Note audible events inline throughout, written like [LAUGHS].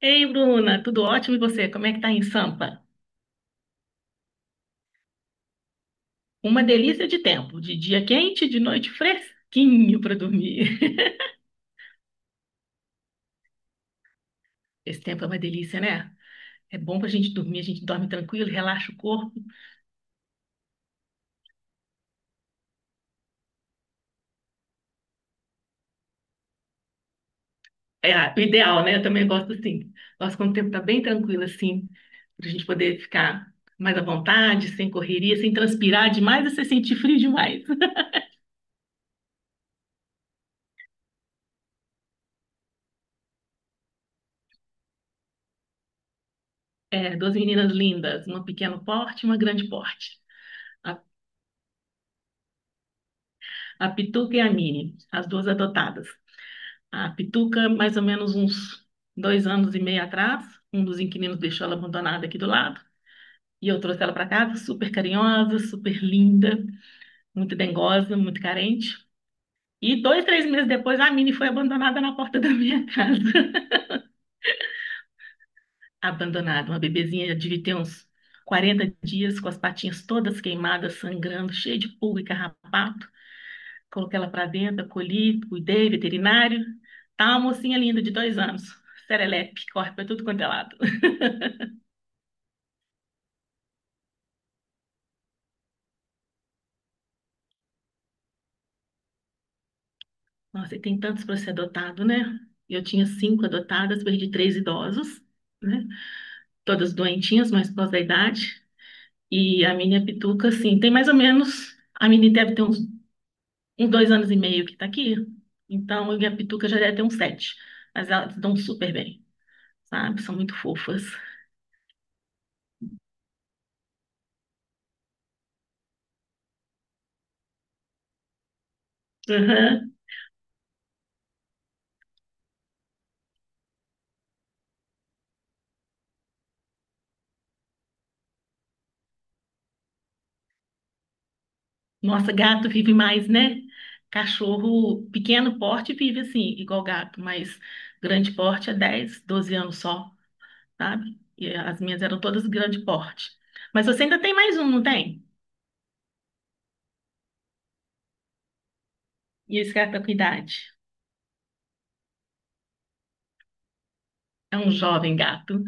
Ei, Bruna, tudo ótimo e você? Como é que tá em Sampa? Uma delícia de tempo, de dia quente, de noite fresquinho para dormir. [LAUGHS] Esse tempo é uma delícia, né? É bom pra gente dormir, a gente dorme tranquilo, relaxa o corpo. É ah, o ideal, né? Eu também gosto assim. Gosto quando o tempo tá bem tranquilo assim, pra gente poder ficar mais à vontade, sem correria, sem transpirar demais e sem sentir frio demais. É, duas meninas lindas, uma pequeno porte e uma grande porte. A, a Pituca e a Mini, as duas adotadas. A Pituca, mais ou menos uns 2 anos e meio atrás, um dos inquilinos deixou ela abandonada aqui do lado. E eu trouxe ela para casa, super carinhosa, super linda, muito dengosa, muito carente. E dois, três meses depois, a Mini foi abandonada na porta da minha casa. [LAUGHS] Abandonada, uma bebezinha, já devia ter uns 40 dias, com as patinhas todas queimadas, sangrando, cheia de pulga e carrapato. Coloquei ela para dentro, acolhi, cuidei, veterinário. Tá uma mocinha linda de 2 anos, serelepe, corre para tudo quanto é lado. Nossa, e tem tantos para ser adotado, né? Eu tinha cinco adotadas, perdi três idosos, né? Todas doentinhas, mas por causa da idade. E a minha pituca, assim, tem mais ou menos. A menina deve ter uns 2 anos e meio que tá aqui. Então, e a pituca já deve ter uns sete. Mas elas dão super bem, sabe? São muito fofas. Uhum. Nossa, gato vive mais, né? Cachorro, pequeno porte, vive assim, igual gato, mas grande porte é 10 12 anos só, sabe? E as minhas eram todas grande porte. Mas você ainda tem mais um, não tem? E esse gato tá com idade. É um jovem gato.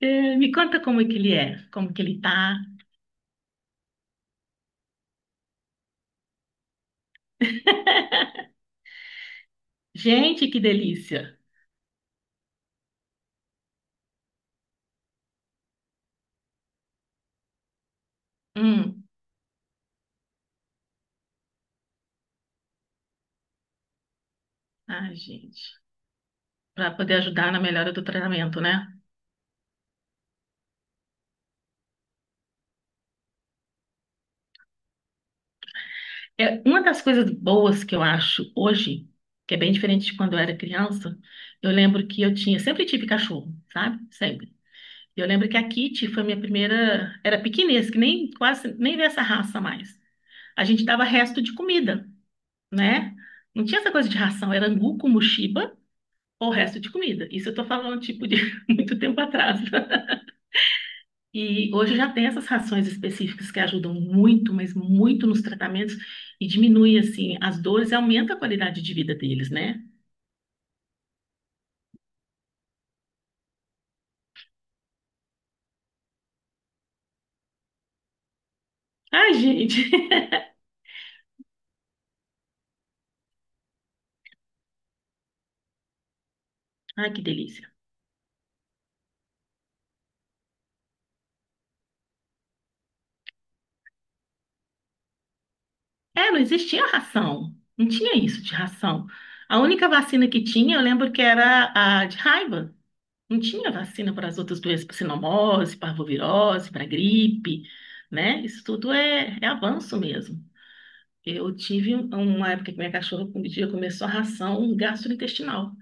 É, me conta como é que ele é, como que ele tá. Gente, que delícia! Hum, ai, gente. Para poder ajudar na melhora do tratamento, né? É uma das coisas boas que eu acho hoje, que é bem diferente de quando eu era criança, eu lembro que eu tinha, sempre tive cachorro, sabe? Sempre. Eu lembro que a Kitty foi minha primeira, era pequinês, que nem quase nem vê essa raça mais. A gente dava resto de comida, né? Não tinha essa coisa de ração, era angu com muxiba ou resto de comida. Isso eu tô falando, tipo, de [LAUGHS] muito tempo atrás, né? E hoje já tem essas rações específicas que ajudam muito, mas muito nos tratamentos e diminui, assim, as dores e aumenta a qualidade de vida deles, né? Ai, gente! [LAUGHS] Ai, que delícia! É, não existia ração. Não tinha isso de ração. A única vacina que tinha, eu lembro que era a de raiva. Não tinha vacina para as outras doenças, para cinomose, parvovirose, para gripe, né? Isso tudo é avanço mesmo. Eu tive uma época que minha cachorra um dia começou a ração gastrointestinal,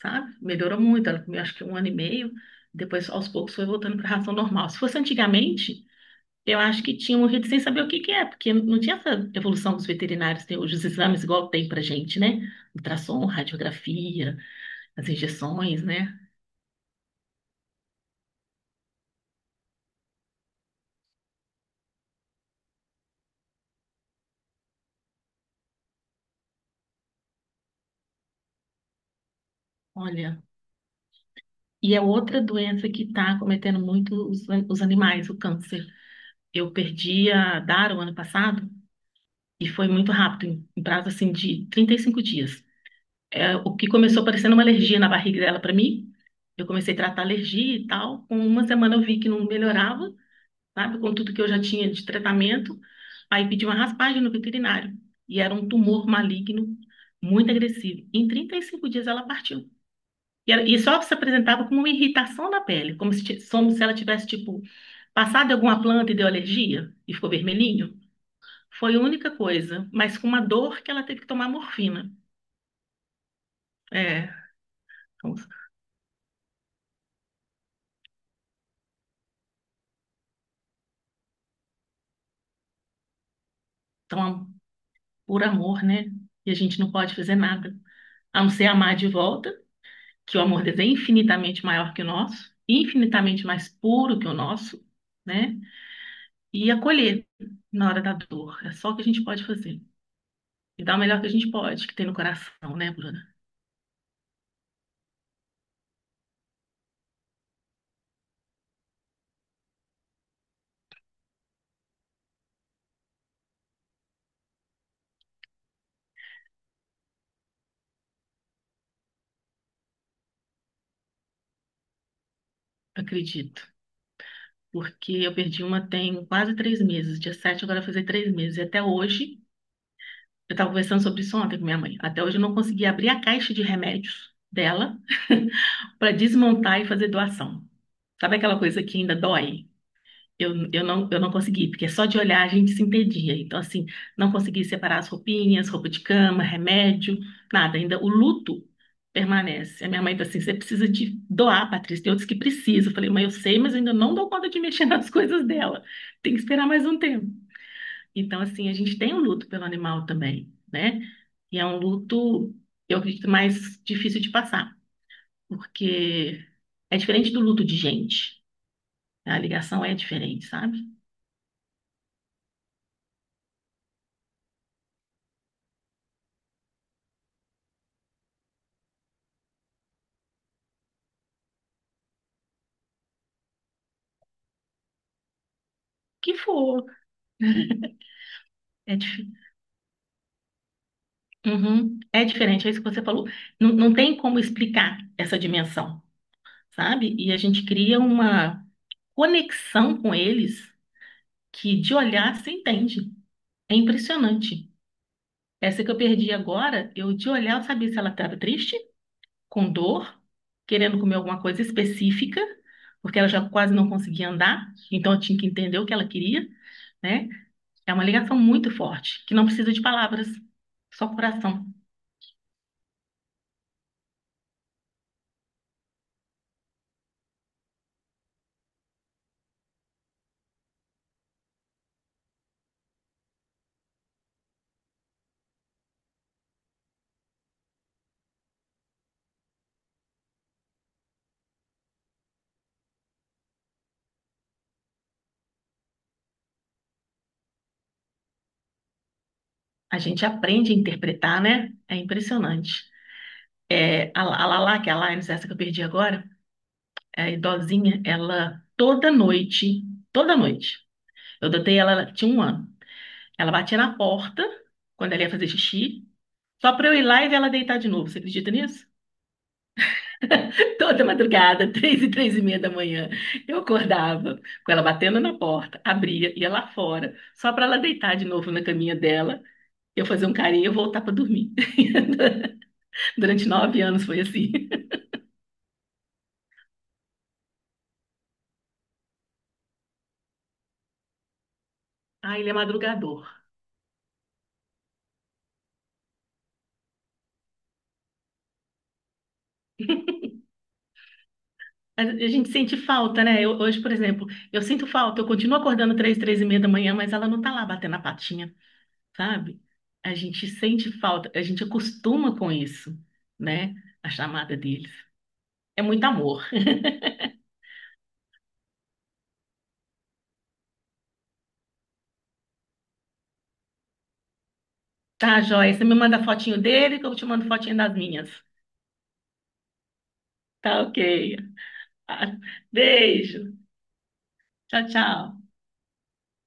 sabe? Melhorou muito, ela comeu acho que um ano e meio, depois aos poucos foi voltando para a ração normal. Se fosse antigamente, eu acho que tinha morrido sem saber o que que é, porque não tinha essa evolução dos veterinários, tem hoje os exames igual tem pra gente, né? Ultrassom, radiografia, as injeções, né? Olha. E é outra doença que está cometendo muito os animais, o câncer. Eu perdi a Dara o ano passado e foi muito rápido, em prazo assim de 35 dias. É, o que começou parecendo uma alergia na barriga dela para mim, eu comecei a tratar alergia e tal. Com uma semana eu vi que não melhorava, sabe, com tudo que eu já tinha de tratamento. Aí pedi uma raspagem no veterinário e era um tumor maligno, muito agressivo. Em 35 dias ela partiu. E só se apresentava como uma irritação na pele, como se ela tivesse, tipo, passado em alguma planta e deu alergia e ficou vermelhinho. Foi a única coisa, mas com uma dor que ela teve que tomar morfina. É, então, então, por amor, né? E a gente não pode fazer nada, a não ser amar de volta, que o amor deles é infinitamente maior que o nosso, infinitamente mais puro que o nosso, né? E acolher na hora da dor. É só o que a gente pode fazer. E dar o melhor que a gente pode, que tem no coração, né, Bruna? Acredito, porque eu perdi uma tem quase 3 meses. Dia 7 agora vai fazer 3 meses. E até hoje, eu estava conversando sobre isso ontem com minha mãe. Até hoje eu não consegui abrir a caixa de remédios dela [LAUGHS] para desmontar e fazer doação. Sabe aquela coisa que ainda dói? Eu não consegui, porque só de olhar a gente se entendia. Então, assim, não consegui separar as roupinhas, roupa de cama, remédio, nada. Ainda o luto permanece. A minha mãe falou assim: você precisa de doar, Patrícia. Tem outros que precisam. Eu falei, mãe, eu sei, mas eu ainda não dou conta de mexer [LAUGHS] nas coisas dela. Tem que esperar mais um tempo. Então, assim, a gente tem um luto pelo animal também, né? E é um luto, eu acredito, mais difícil de passar, porque é diferente do luto de gente. A ligação é diferente, sabe? Que for. É, dif- Uhum. É diferente, é isso que você falou. Não, não tem como explicar essa dimensão, sabe? E a gente cria uma conexão com eles que de olhar se entende. É impressionante. Essa que eu perdi agora, eu de olhar eu sabia se ela estava triste, com dor, querendo comer alguma coisa específica, porque ela já quase não conseguia andar, então eu tinha que entender o que ela queria, né? É uma ligação muito forte, que não precisa de palavras, só coração. A gente aprende a interpretar, né? É impressionante. É, a Lala, que é a Lines, essa que eu perdi agora, é a idosinha, ela toda noite, eu adotei ela, ela tinha um ano. Ela batia na porta quando ela ia fazer xixi, só pra eu ir lá e ver ela deitar de novo. Você acredita nisso? [LAUGHS] Toda madrugada, três e três e meia da manhã, eu acordava com ela batendo na porta, abria, ia lá fora, só pra ela deitar de novo na caminha dela, eu fazer um carinho e eu voltar pra dormir. [LAUGHS] Durante 9 anos foi assim. Ah, ele é madrugador. A gente sente falta, né? Hoje, por exemplo, eu sinto falta, eu continuo acordando três, três e meia da manhã, mas ela não tá lá batendo a patinha, sabe? A gente sente falta, a gente acostuma com isso, né? A chamada deles. É muito amor. Tá, joia? Você me manda fotinho dele que eu te mando fotinho das minhas. Tá, ok. [LAUGHS] Ah, beijo. Tchau, tchau.